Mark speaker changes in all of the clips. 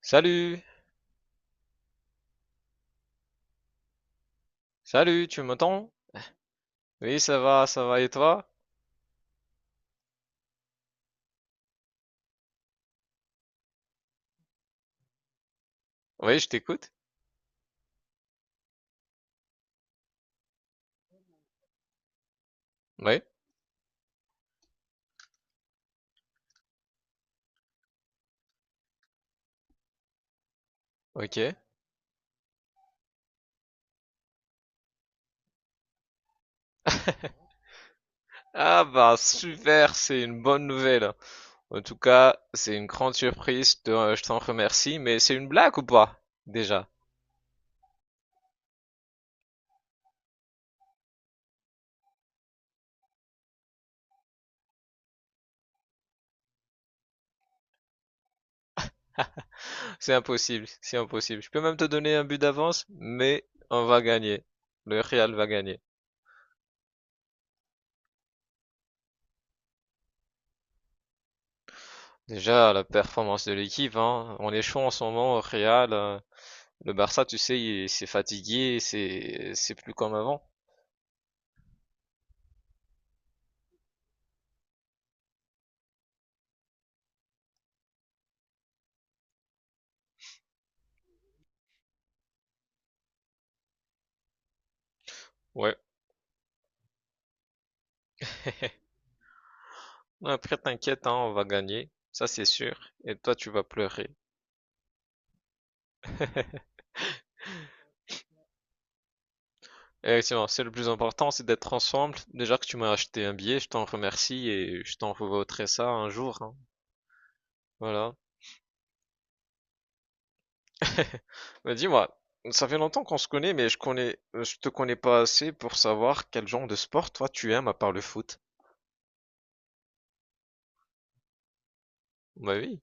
Speaker 1: Salut! Salut, tu m'entends? Oui, ça va, et toi? Oui, je t'écoute. Oui, ok. Ah bah super, c'est une bonne nouvelle. En tout cas, c'est une grande surprise, je t'en remercie, mais c'est une blague ou pas? Déjà, c'est impossible, c'est impossible. Je peux même te donner un but d'avance, mais on va gagner. Le Real va gagner. Déjà, la performance de l'équipe, hein. On est chaud en ce moment au Real. Le Barça, tu sais, c'est fatigué, c'est plus comme avant. Ouais. Après, t'inquiète, hein, on va gagner. Ça, c'est sûr. Et toi, tu vas pleurer. Effectivement, c'est le plus important, c'est d'être ensemble. Déjà que tu m'as acheté un billet, je t'en remercie et je t'en revaudrai ça un jour. Hein. Voilà. Mais dis-moi, ça fait longtemps qu'on se connaît, mais je te connais pas assez pour savoir quel genre de sport toi tu aimes à part le foot. Bah oui.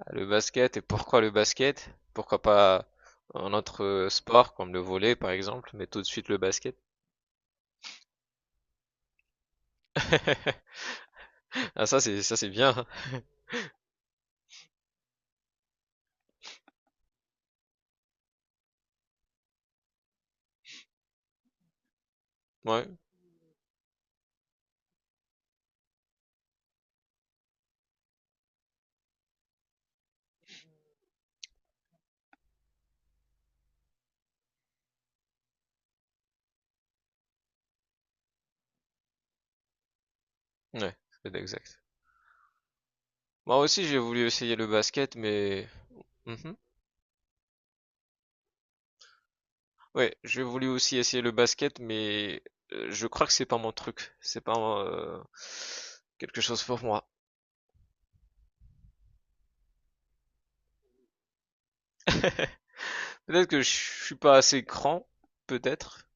Speaker 1: Ah, le basket. Et pourquoi le basket? Pourquoi pas un autre sport comme le volley par exemple, mais tout de suite le basket. Ah, ça c'est bien. Hein. Ouais. Ouais, c'est exact. Moi aussi, j'ai voulu essayer le basket, mais. Mhm. Ouais, j'ai voulu aussi essayer le basket, mais je crois que c'est pas mon truc. C'est pas euh, quelque chose pour moi. Peut-être que je suis pas assez grand, peut-être.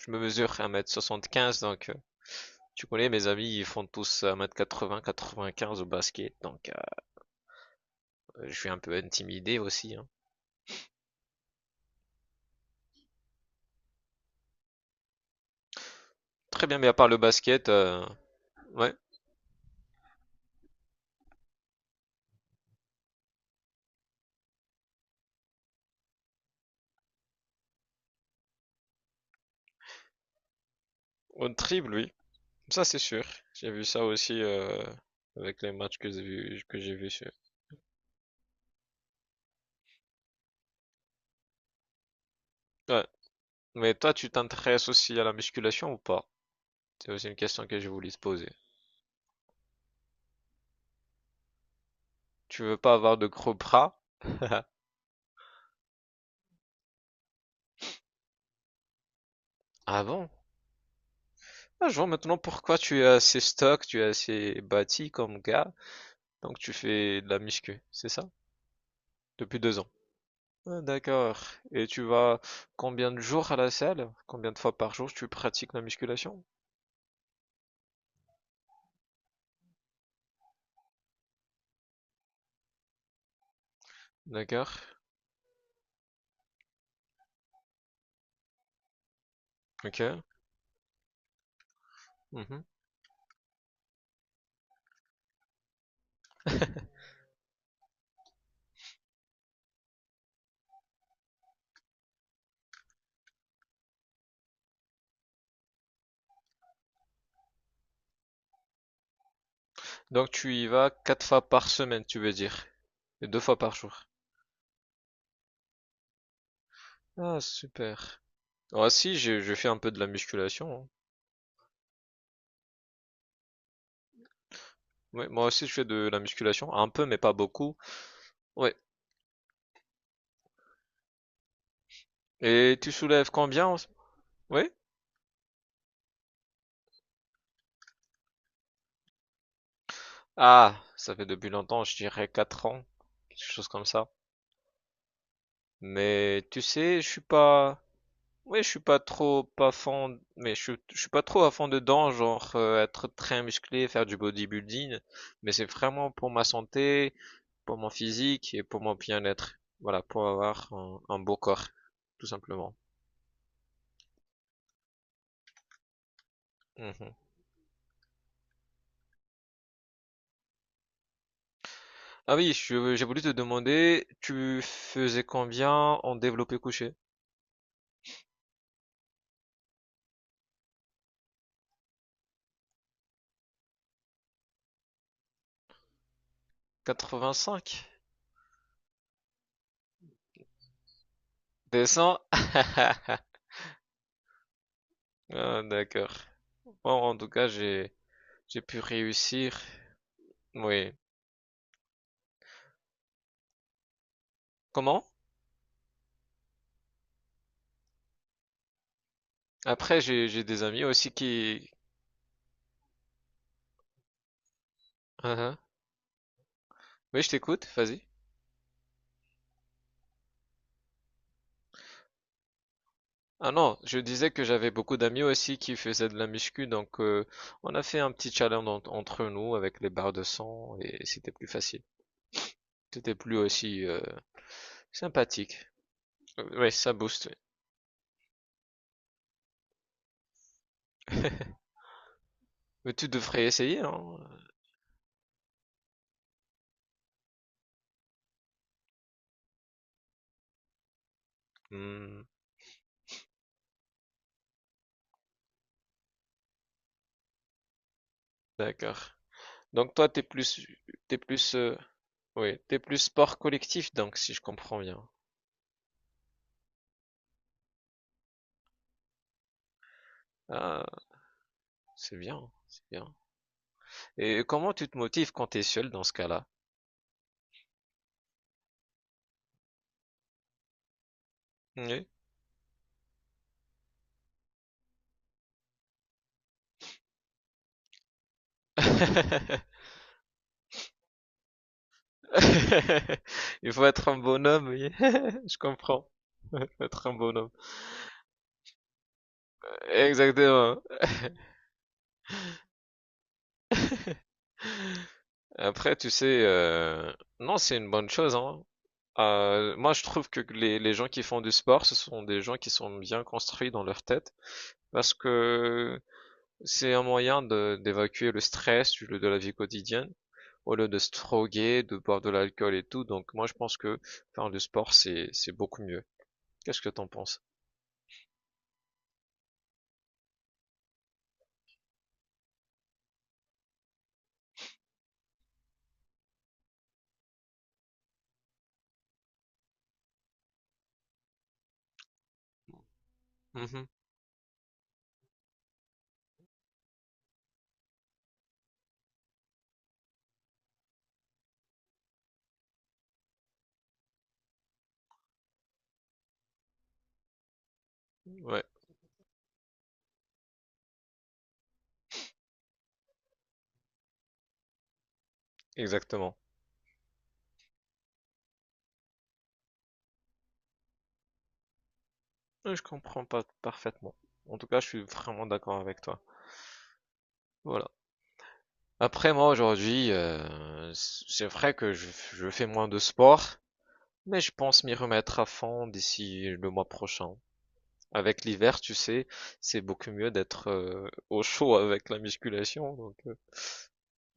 Speaker 1: Je me mesure 1m75, donc tu connais, mes amis, ils font tous 1m80, 95 au basket, donc je suis un peu intimidé aussi. Hein. Très bien, mais à part le basket, ouais, on triple, oui. Ça, c'est sûr. J'ai vu ça aussi avec les matchs que j'ai vus. Que j'ai vu sur- Ouais. Mais toi, tu t'intéresses aussi à la musculation ou pas? C'est aussi une question que je voulais te poser. Tu veux pas avoir de gros bras? Ah bon? Ah, je vois maintenant pourquoi tu es assez stock, tu es assez bâti comme gars. Donc tu fais de la muscu, c'est ça? Depuis deux ans. Ah, d'accord. Et tu vas combien de jours à la salle? Combien de fois par jour tu pratiques la musculation? D'accord. Ok. Mhm. Donc tu y vas quatre fois par semaine, tu veux dire? Et deux fois par jour. Ah, super. Moi aussi, je fais un peu de la musculation. Hein. Ouais, moi aussi, je fais de la musculation. Un peu, mais pas beaucoup. Ouais. Et tu soulèves combien? Oui. Ah, ça fait depuis longtemps, je dirais 4 ans. Quelque chose comme ça. Mais tu sais, je suis pas. Ouais, je suis pas trop pas fan, mais je suis pas trop à fond dedans, genre être très musclé, faire du bodybuilding, mais c'est vraiment pour ma santé, pour mon physique et pour mon bien-être. Voilà, pour avoir un beau corps, tout simplement. Mhm. Ah oui, j'ai voulu te demander, tu faisais combien en développé couché? 85? 200? Ah, d'accord. Bon, en tout cas, j'ai pu réussir. Oui. Comment? Après, j'ai des amis aussi qui. Hein, hein. Oui, je t'écoute, vas-y. Ah non, je disais que j'avais beaucoup d'amis aussi qui faisaient de la muscu, donc on a fait un petit challenge entre nous avec les barres de sang et c'était plus facile. C'était plus aussi sympathique. Ouais, ça booste. Ouais. Mais tu devrais essayer, hein. Hmm, d'accord. Donc toi, t'es plus, euh, oui, t'es plus sport collectif, donc si je comprends bien. Ah, c'est bien, c'est bien. Et comment tu te motives quand t'es seul dans ce cas-là? Oui. Il faut être un bonhomme, oui. Je comprends. Il faut être un bonhomme. Exactement. Après, tu sais, non, c'est une bonne chose, hein. Moi, je trouve que les gens qui font du sport, ce sont des gens qui sont bien construits dans leur tête, parce que c'est un moyen d'évacuer le stress de la vie quotidienne, au lieu de se droguer, de boire de l'alcool et tout. Donc, moi, je pense que faire du sport, c'est beaucoup mieux. Qu'est-ce que t'en penses? Mhm. Ouais. Exactement. Oui, je comprends pas parfaitement. En tout cas, je suis vraiment d'accord avec toi. Voilà. Après, moi, aujourd'hui, c'est vrai que je fais moins de sport, mais je pense m'y remettre à fond d'ici le mois prochain. Avec l'hiver, tu sais, c'est beaucoup mieux d'être au chaud avec la musculation. Donc,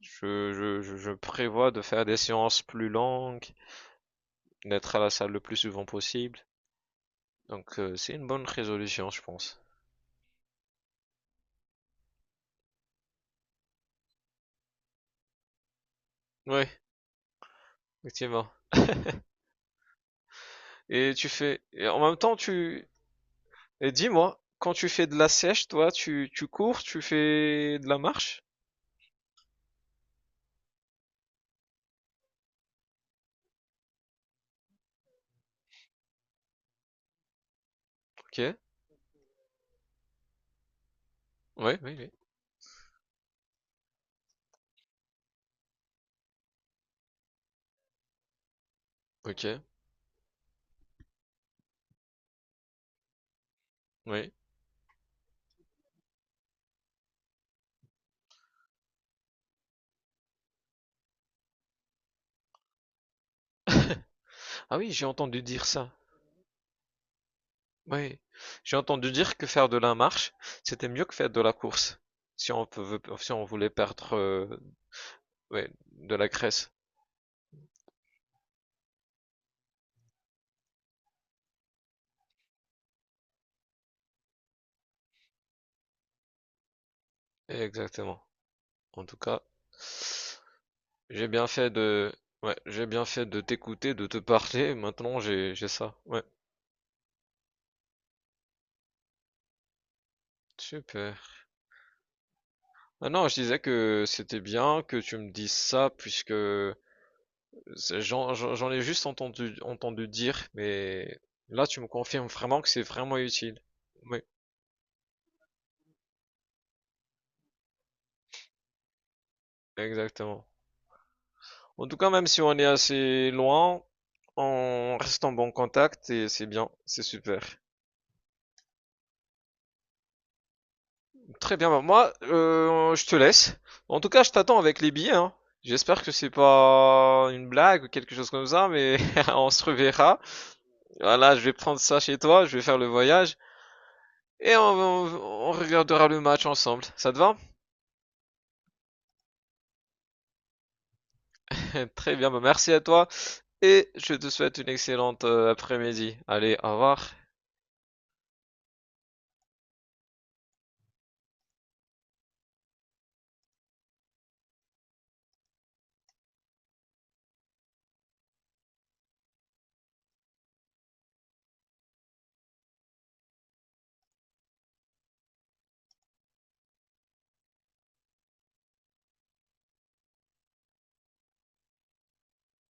Speaker 1: je prévois de faire des séances plus longues, d'être à la salle le plus souvent possible. Donc, c'est une bonne résolution, je pense. Oui, effectivement. Et tu fais, et en même temps, tu, et dis-moi, quand tu fais de la sèche, toi, tu cours, tu fais de la marche? Ok. Oui, oui, oui. Ok. Oui. Ah oui, j'ai entendu dire ça. Oui. J'ai entendu dire que faire de la marche, c'était mieux que faire de la course. Si on voulait perdre, ouais, de la graisse. Exactement. En tout cas, j'ai bien fait de, ouais, j'ai bien fait de t'écouter, de te parler. Maintenant, j'ai ça. Ouais. Super. Ah non, je disais que c'était bien que tu me dises ça, puisque j'en ai juste entendu dire, mais là tu me confirmes vraiment que c'est vraiment utile. Oui, exactement. En tout cas, même si on est assez loin, on reste en bon contact et c'est bien, c'est super. Très bien, bah moi, je te laisse. En tout cas, je t'attends avec les billets, hein. J'espère que c'est pas une blague ou quelque chose comme ça, mais on se reverra. Voilà, je vais prendre ça chez toi, je vais faire le voyage. Et on regardera le match ensemble. Ça te va? Très bien, bah merci à toi et je te souhaite une excellente après-midi. Allez, au revoir.